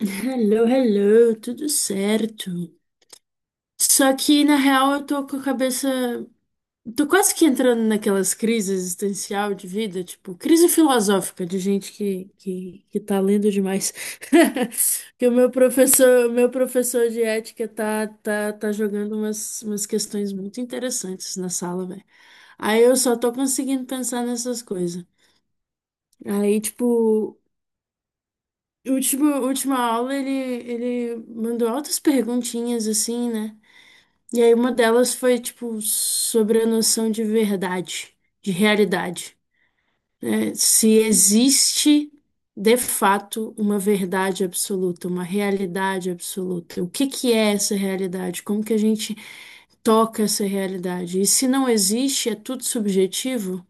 Hello, hello, tudo certo. Só que na real eu tô com a cabeça. Tô quase que entrando naquelas crises existencial de vida, tipo, crise filosófica de gente que tá lendo demais. Que o meu professor de ética tá jogando umas questões muito interessantes na sala, velho. Aí eu só tô conseguindo pensar nessas coisas. Aí, tipo. Último, última aula ele mandou altas perguntinhas assim, né? E aí uma delas foi tipo sobre a noção de verdade, de realidade, né? Se existe de fato uma verdade absoluta, uma realidade absoluta. O que que é essa realidade? Como que a gente toca essa realidade? E se não existe, é tudo subjetivo?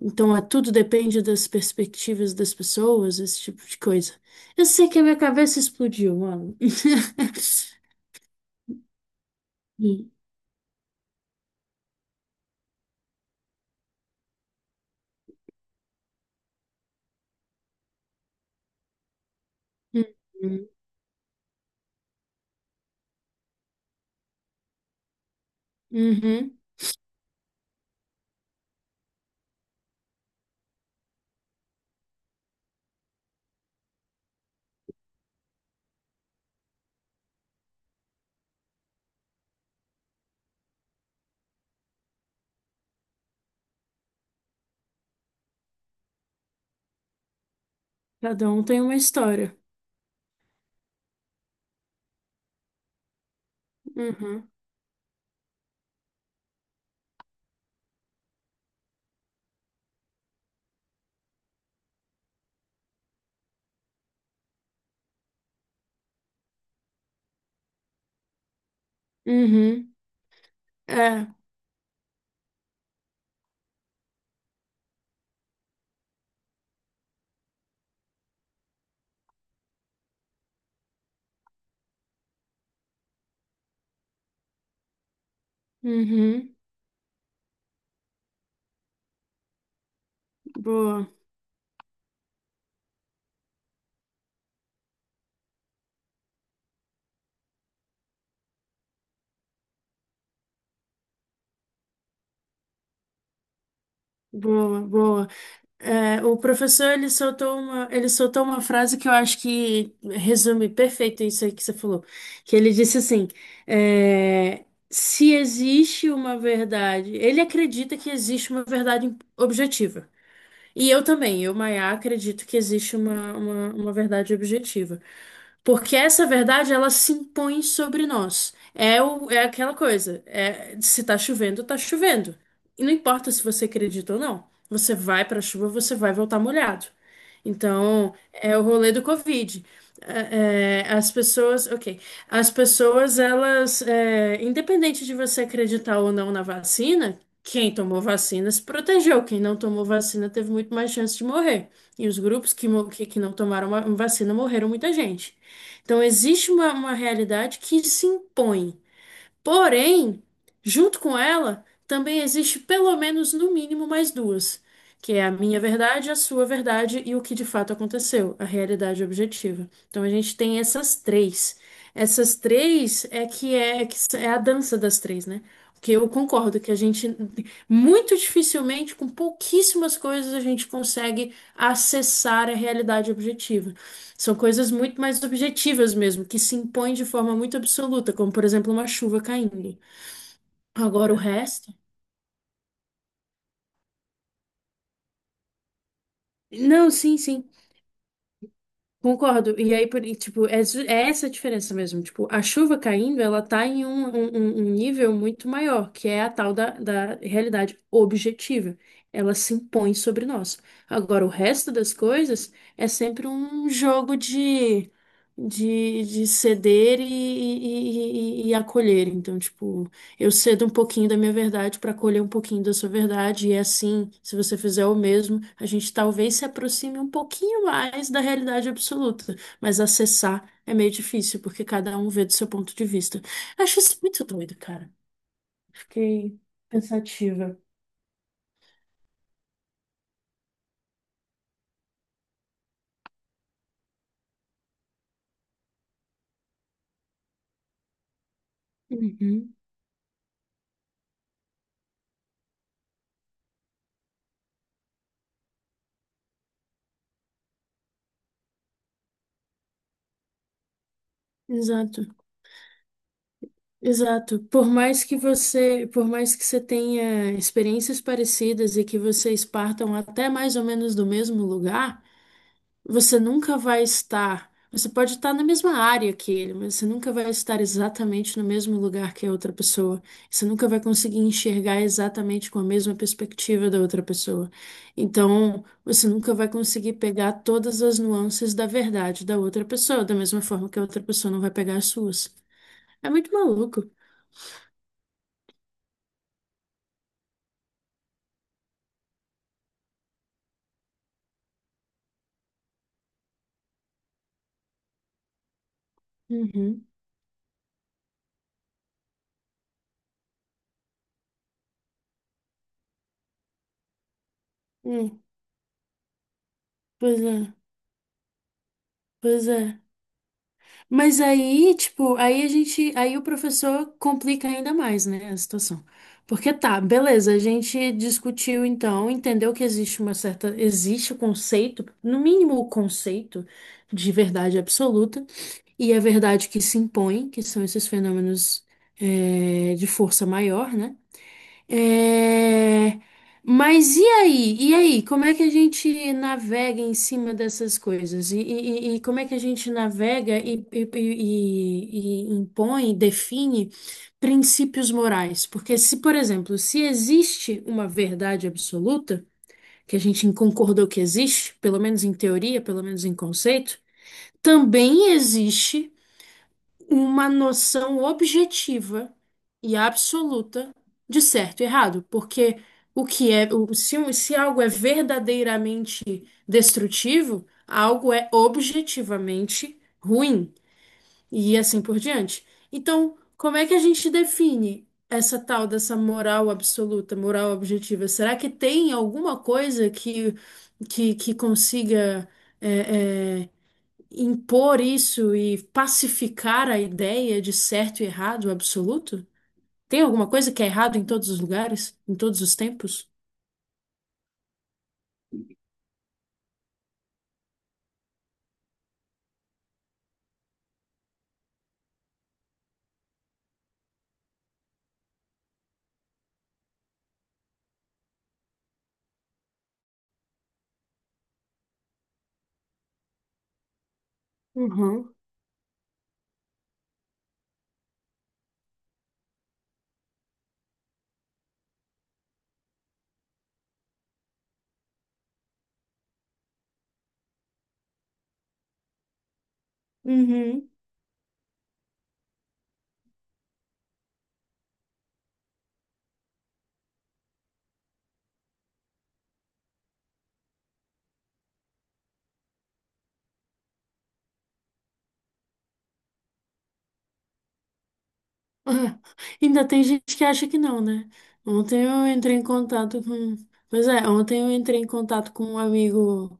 Então, tudo depende das perspectivas das pessoas, esse tipo de coisa. Eu sei que a minha cabeça explodiu, mano. Hum, hum, hum, uhum. Cada um tem uma história. Uhum. Uhum. É. Uhum. Boa, boa, boa. É, o professor ele soltou uma frase que eu acho que resume perfeito isso aí que você falou, que ele disse assim, se existe uma verdade, ele acredita que existe uma verdade objetiva. E eu também, eu, Maiá, acredito que existe uma verdade objetiva. Porque essa verdade, ela se impõe sobre nós. É aquela coisa. É, se tá chovendo, tá chovendo. E não importa se você acredita ou não. Você vai pra chuva, você vai voltar molhado. Então, é o rolê do Covid. As pessoas, ok. As pessoas, elas, é, independente de você acreditar ou não na vacina, quem tomou vacina se protegeu. Quem não tomou vacina teve muito mais chance de morrer. E os grupos que não tomaram ma- vacina morreram muita gente. Então, existe uma realidade que se impõe. Porém, junto com ela, também existe pelo menos, no mínimo, mais duas, que é a minha verdade, a sua verdade e o que de fato aconteceu, a realidade objetiva. Então, a gente tem essas três. Essas três é que é a dança das três, né? Porque eu concordo que a gente, muito dificilmente, com pouquíssimas coisas, a gente consegue acessar a realidade objetiva. São coisas muito mais objetivas mesmo, que se impõem de forma muito absoluta, como por exemplo uma chuva caindo. Agora o resto. Não, sim, sim, concordo. E aí, por- tipo, é, ju- é essa a diferença mesmo. Tipo, a chuva caindo, ela tá em um nível muito maior, que é a tal da realidade objetiva. Ela se impõe sobre nós. Agora, o resto das coisas é sempre um jogo de. De ceder e acolher. Então, tipo, eu cedo um pouquinho da minha verdade para colher um pouquinho da sua verdade, e é assim, se você fizer o mesmo, a gente talvez se aproxime um pouquinho mais da realidade absoluta, mas acessar é meio difícil, porque cada um vê do seu ponto de vista. Acho isso muito doido, cara. Fiquei pensativa. Uhum. Exato, exato. Por mais que você, por mais que você tenha experiências parecidas e que vocês partam até mais ou menos do mesmo lugar, você nunca vai estar. Você pode estar na mesma área que ele, mas você nunca vai estar exatamente no mesmo lugar que a outra pessoa. Você nunca vai conseguir enxergar exatamente com a mesma perspectiva da outra pessoa. Então, você nunca vai conseguir pegar todas as nuances da verdade da outra pessoa, da mesma forma que a outra pessoa não vai pegar as suas. É muito maluco. Uhum. Hum, pois é, pois é. Mas aí, tipo, aí a gente, aí o professor complica ainda mais, né, a situação. Porque tá, beleza, a gente discutiu então, entendeu que existe uma certa, existe o conceito, no mínimo o conceito de verdade absoluta, e a verdade que se impõe, que são esses fenômenos de força maior, né? É, mas e aí? E aí? Como é que a gente navega em cima dessas coisas? E como é que a gente navega e impõe, define princípios morais? Porque se, por exemplo, se existe uma verdade absoluta, que a gente concordou que existe, pelo menos em teoria, pelo menos em conceito, também existe uma noção objetiva e absoluta de certo e errado, porque o que é, o- se, um- se algo é verdadeiramente destrutivo, algo é objetivamente ruim e assim por diante. Então, como é que a gente define essa tal dessa moral absoluta, moral objetiva? Será que tem alguma coisa que consiga é, é, impor isso e pacificar a ideia de certo e errado absoluto? Tem alguma coisa que é errado em todos os lugares, em todos os tempos? Uhum. Uhum. Ah, ainda tem gente que acha que não, né? Ontem eu entrei em contato com. Pois é, ontem eu entrei em contato com um amigo,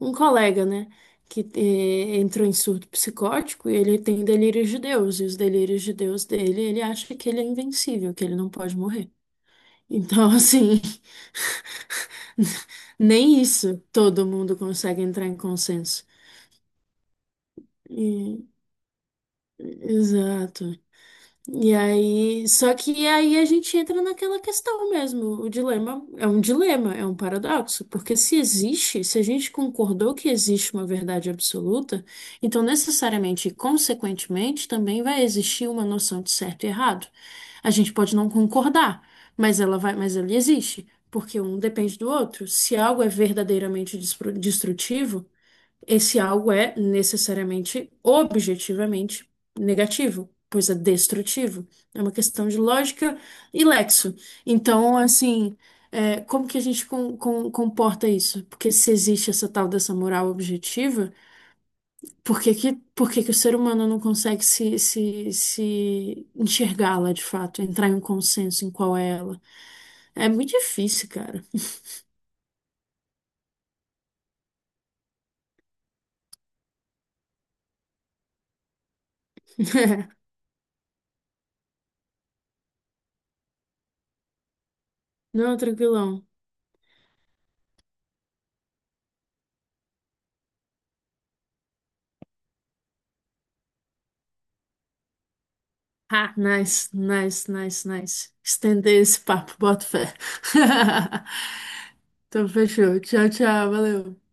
um colega, né? Que entrou em surto psicótico e ele tem delírios de Deus. E os delírios de Deus dele, ele acha que ele é invencível, que ele não pode morrer. Então, assim. Nem isso todo mundo consegue entrar em consenso. E- exato. E aí, só que aí a gente entra naquela questão mesmo. O dilema, é um paradoxo, porque se existe, se a gente concordou que existe uma verdade absoluta, então necessariamente e consequentemente também vai existir uma noção de certo e errado. A gente pode não concordar, mas ela vai, mas ela existe, porque um depende do outro. Se algo é verdadeiramente destru- destrutivo, esse algo é necessariamente, objetivamente, negativo, pois é destrutivo. É uma questão de lógica e lexo. Então, assim, é, como que a gente comporta isso? Porque se existe essa tal dessa moral objetiva, por que que o ser humano não consegue se enxergá-la de fato, entrar em um consenso em qual é ela? É muito difícil, cara. Não, tranquilão. Ah, nice, nice, nice, nice. Estender esse papo, boto fé. Então, fechou. Tchau, tchau, valeu.